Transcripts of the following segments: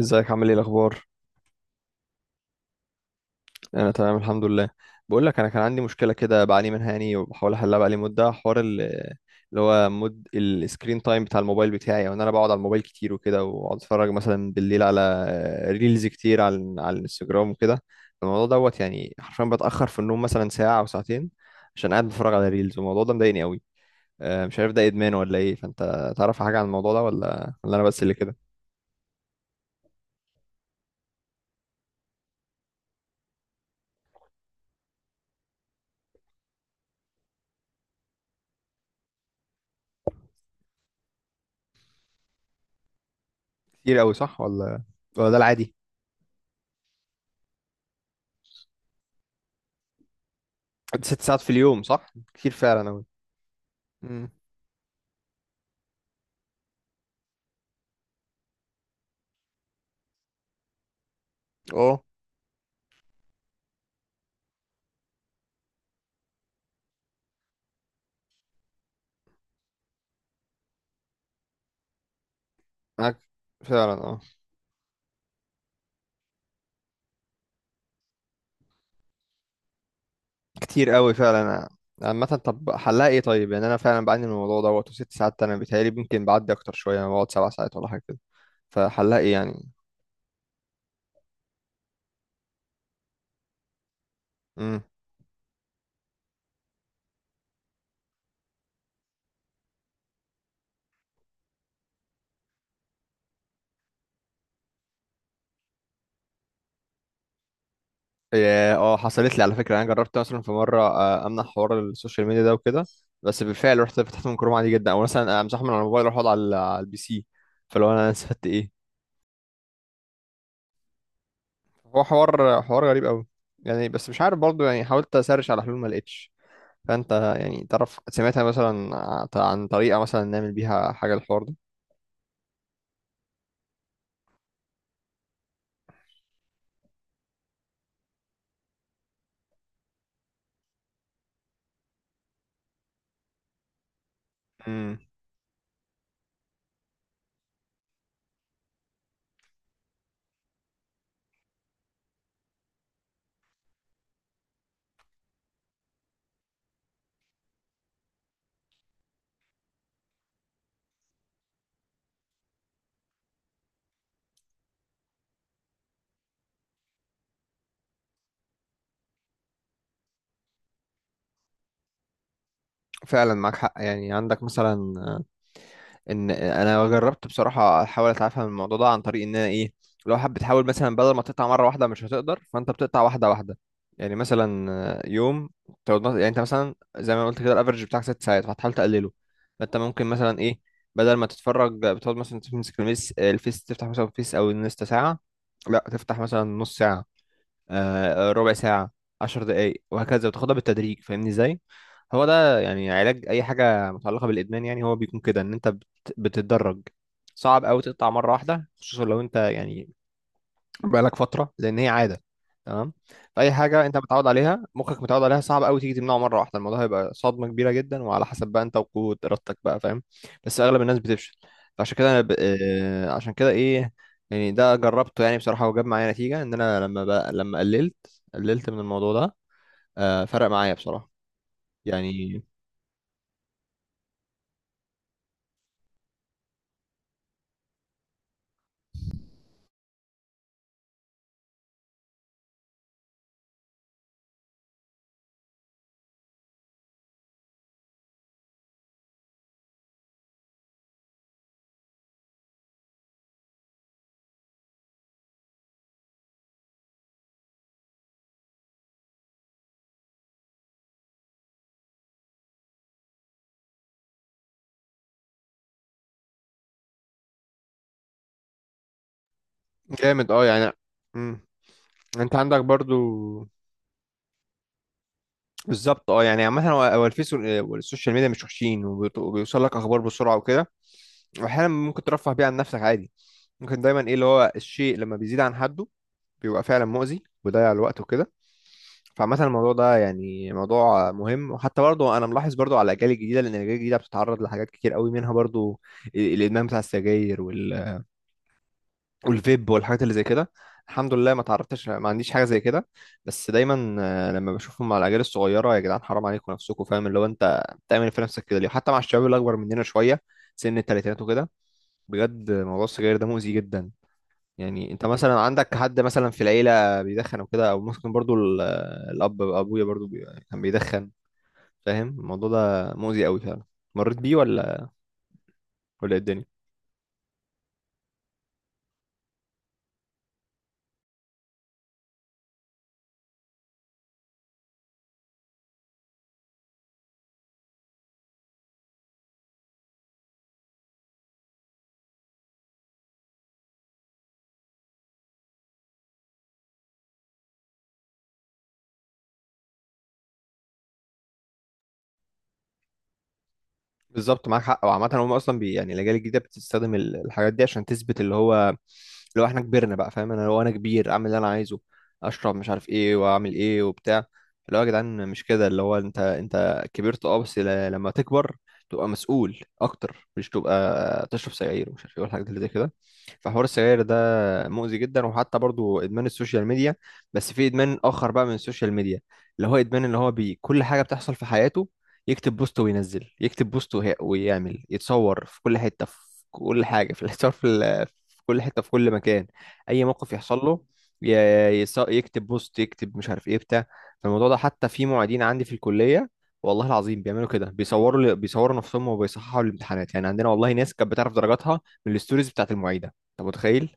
ازيك، عامل ايه الاخبار؟ انا تمام الحمد لله. بقول لك انا كان عندي مشكله كده بعاني منها، يعني وبحاول احلها بقالي مده، حوار اللي هو مد السكرين تايم بتاع الموبايل بتاعي، او ان انا بقعد على الموبايل كتير وكده، واقعد اتفرج مثلا بالليل على ريلز كتير، على الانستجرام وكده. الموضوع دوت، يعني حرفيا بتاخر في النوم مثلا ساعه او ساعتين، عشان قاعد بتفرج على ريلز، والموضوع ده مضايقني قوي. مش عارف ده ادمان ولا ايه، فانت تعرف حاجه عن الموضوع ده، ولا انا بس اللي كده؟ كتير قوي، صح ولا ده العادي؟ 6 ساعات في اليوم، صح؟ كتير فعلا أوي. امم. اه، معاك فعلا. اه، كتير أوي فعلا. عامة طب حلها ايه طيب؟ يعني انا فعلا بعاني من الموضوع دوت، و6 ساعات انا بيتهيألي ممكن بعدي اكتر شوية، انا بقعد 7 ساعات ولا حاجة كده. فحلها ايه يعني؟ امم. إيه، اه حصلت لي على فكرة، انا جربت مثلا في مرة امنع حوار السوشيال ميديا ده وكده. بس بالفعل رحت فتحت من كروم عادي جدا، او مثلا امسحه من على الموبايل واروح اقعد على البي سي. فلو انا استفدت ايه؟ هو حوار غريب أوي. يعني بس مش عارف برضه، يعني حاولت اسرش على حلول ما لقيتش. فانت يعني تعرف، سمعتها مثلا عن طريقة مثلا نعمل بيها حاجة الحوار ده؟ امم. فعلا معاك حق. يعني عندك مثلا ان انا جربت بصراحة احاول اتعافى من الموضوع ده عن طريق ان انا ايه؟ لو حابب بتحاول مثلا بدل ما تقطع مرة واحدة، مش هتقدر، فانت بتقطع واحدة واحدة. يعني مثلا يوم تقعد يعني انت مثلا زي ما قلت كده، الافرج بتاعك 6 ساعات، فهتحاول تقلله. فانت ممكن مثلا ايه، بدل ما تتفرج بتقعد مثلا تمسك الميس الفيس، تفتح مثلا فيس او الانستا ساعة، لا تفتح مثلا نص ساعة، ربع ساعة، 10 دقايق، وهكذا، وتاخدها بالتدريج فاهمني ازاي؟ هو ده يعني علاج أي حاجة متعلقة بالإدمان، يعني هو بيكون كده إن أنت بتتدرج. صعب أوي تقطع مرة واحدة، خصوصا لو أنت يعني بقالك فتره، لان هي عاده. تمام. فاي حاجه انت متعود عليها، مخك متعود عليها، صعب قوي تيجي تمنعه مره واحده، الموضوع هيبقى صدمه كبيره جدا، وعلى حسب بقى انت وقوه ارادتك بقى فاهم. بس اغلب الناس بتفشل. فعشان كده انا ب... آه، عشان كده ايه، يعني ده جربته يعني بصراحه، وجاب معايا نتيجه، ان انا لما قللت من الموضوع ده، فرق معايا بصراحه. يعني جامد اه يعني. مم. انت عندك برضو. بالظبط اه، يعني عامه هو الفيس والسوشيال ميديا مش وحشين، وبيوصل لك اخبار بسرعه وكده، واحيانا ممكن ترفه بيه عن نفسك عادي. ممكن دايما ايه، اللي هو الشيء لما بيزيد عن حده بيبقى فعلا مؤذي، ويضيع الوقت وكده. فعامة الموضوع ده يعني موضوع مهم، وحتى برضه انا ملاحظ برضه على الاجيال الجديده، لان الاجيال الجديده بتتعرض لحاجات كتير قوي، منها برضه الادمان بتاع السجاير والفيب والحاجات اللي زي كده. الحمد لله ما تعرضتش، ما عنديش حاجه زي كده. بس دايما لما بشوفهم مع الاجيال الصغيره، يا جدعان حرام عليكم نفسكم فاهم، اللي هو انت بتعمل إيه في نفسك كده ليه، حتى مع الشباب اللي اكبر مننا شويه، سن الثلاثينات وكده. بجد موضوع السجاير ده مؤذي جدا. يعني انت مثلا عندك حد مثلا في العيله بيدخن او كده، او ممكن برضو الاب ابويا برضو كان بيدخن فاهم. الموضوع ده مؤذي قوي فعلا. مريت بيه ولا إيه الدنيا؟ بالظبط معاك حق. وعامة هم أصلا يعني الأجيال الجديدة بتستخدم الحاجات دي عشان تثبت اللي هو إحنا كبرنا بقى فاهم. أنا لو أنا كبير أعمل اللي أنا عايزه، أشرب مش عارف إيه، وأعمل إيه وبتاع. اللي هو يا جدعان مش كده، اللي هو أنت كبرت أه، بس لما تكبر تبقى مسؤول أكتر، مش تبقى تشرب سجاير ومش عارف إيه والحاجات اللي زي كده. فحوار السجاير ده مؤذي جدا، وحتى برضو ادمان السوشيال ميديا. بس في ادمان اخر بقى من السوشيال ميديا، اللي هو ادمان، اللي هو بي كل حاجه بتحصل في حياته. يكتب بوست، وينزل يكتب بوست، ويعمل يتصور في كل حته، في كل حاجه، في الصور، في كل حته، في كل مكان. اي موقف يحصل له يكتب بوست، يكتب مش عارف ايه بتاع. فالموضوع ده حتى في معيدين عندي في الكليه، والله العظيم بيعملوا كده، بيصوروا نفسهم وبيصححوا الامتحانات، يعني عندنا والله ناس كانت بتعرف درجاتها من الستوريز بتاعت المعيده. انت متخيل؟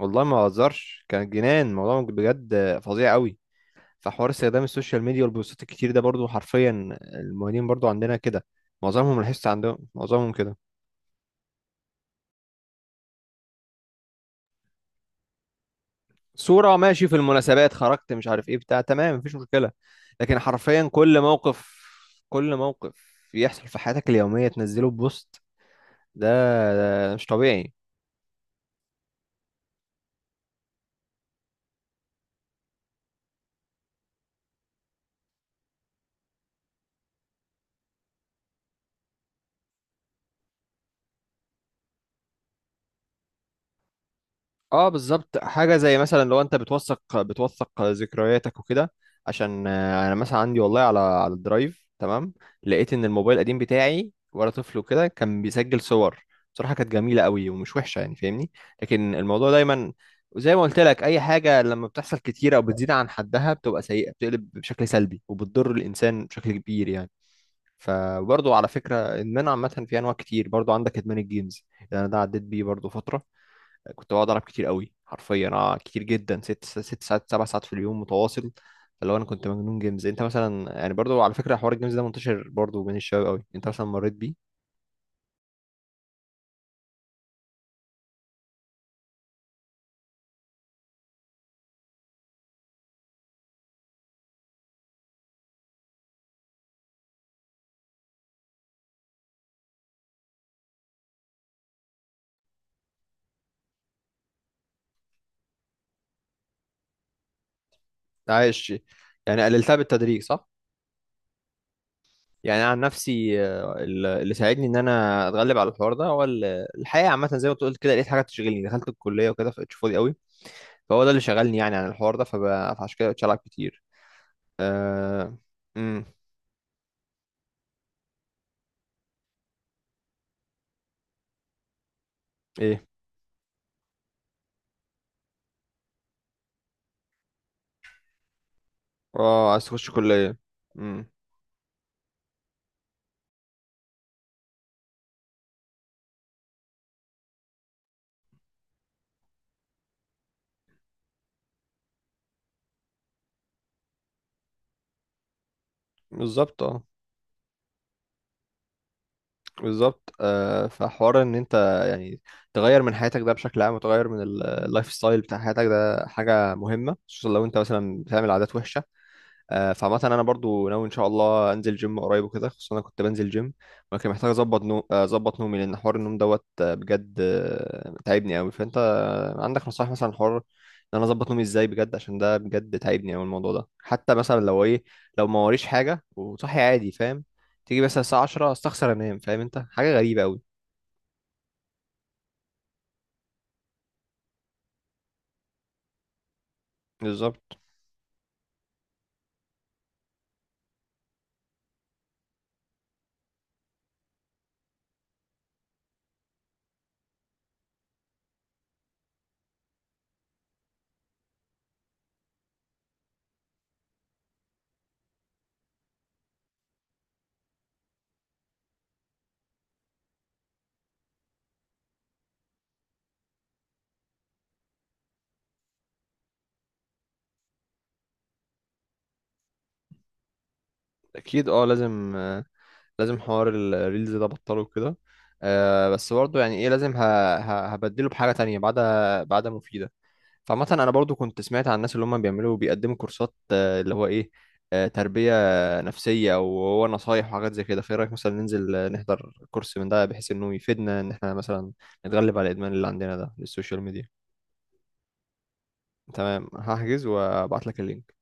والله ما بهزرش، كان جنان، الموضوع بجد فظيع قوي. فحوار استخدام السوشيال ميديا والبوستات الكتير ده برضو حرفيا المهنيين برضو عندنا كده، معظمهم لاحظت عندهم معظمهم كده. صورة ماشي في المناسبات، خرجت مش عارف ايه بتاع، تمام مفيش مشكلة. لكن حرفيا كل موقف يحصل في حياتك اليومية تنزله بوست. ده, ده مش طبيعي. اه بالظبط، حاجه زي مثلا لو انت بتوثق ذكرياتك وكده، عشان انا مثلا عندي والله على الدرايف تمام. لقيت ان الموبايل القديم بتاعي وانا طفل وكده كان بيسجل صور، بصراحه كانت جميله قوي ومش وحشه يعني فاهمني. لكن الموضوع دايما زي ما قلت لك، اي حاجه لما بتحصل كتير او بتزيد عن حدها بتبقى سيئه، بتقلب بشكل سلبي، وبتضر الانسان بشكل كبير يعني. فبرضه على فكره، ادمان عامه في انواع كتير برضه، عندك ادمان الجيمز، يعني انا ده عديت بيه برضه فتره. كنت بقعد العب كتير قوي حرفيا، انا كتير جدا، ست ساعات، 7 ساعات في اليوم متواصل. فاللي هو انا كنت مجنون جيمز. انت مثلا يعني برضو على فكره حوار الجيمز ده منتشر برضو بين الشباب قوي، انت مثلا مريت بيه؟ عايش. يعني قللتها بالتدريج صح؟ يعني أنا عن نفسي اللي ساعدني ان انا اتغلب على الحوار ده هو الحقيقه عامه زي ما أنت قلت كده، لقيت حاجه تشغلني، دخلت الكليه وكده، فبقيت فاضي قوي، فهو ده اللي شغلني يعني عن الحوار ده، فعشان كده بقيت العب كتير. آه... امم. ايه، اه عايز تخش كليه. امم. بالظبط اه. بالظبط فحوار ان انت يعني تغير من حياتك ده بشكل عام، وتغير من اللايف ستايل بتاع حياتك ده حاجه مهمه، خصوصا لو انت مثلا بتعمل عادات وحشه. فعامة انا برضو ناوي ان شاء الله انزل جيم قريب وكده، خصوصا انا كنت بنزل جيم، ولكن محتاج اظبط نو... آه، اظبط نومي، لان حوار النوم دوت بجد تعبني قوي. فانت عندك نصائح مثلا حوار ان انا اظبط نومي ازاي بجد، عشان ده بجد تعبني قوي الموضوع ده. حتى مثلا لو ايه، لو ما وريش حاجة وصحي عادي فاهم، تيجي مثلا الساعة 10 استخسر انام فاهم، انت حاجة غريبة قوي. بالظبط اكيد اه، لازم حوار الريلز ده بطله كده. بس برضه يعني ايه، لازم هبدله بحاجة تانية بعد مفيدة. فعامة انا برضه كنت سمعت عن الناس اللي هم بيعملوا بيقدموا كورسات، اللي هو ايه، تربية نفسية او هو نصايح وحاجات زي كده. فايه رأيك مثلا ننزل نحضر كورس من ده، بحيث انه يفيدنا ان احنا مثلا نتغلب على الادمان اللي عندنا ده للسوشيال ميديا؟ تمام هحجز وابعت لك اللينك.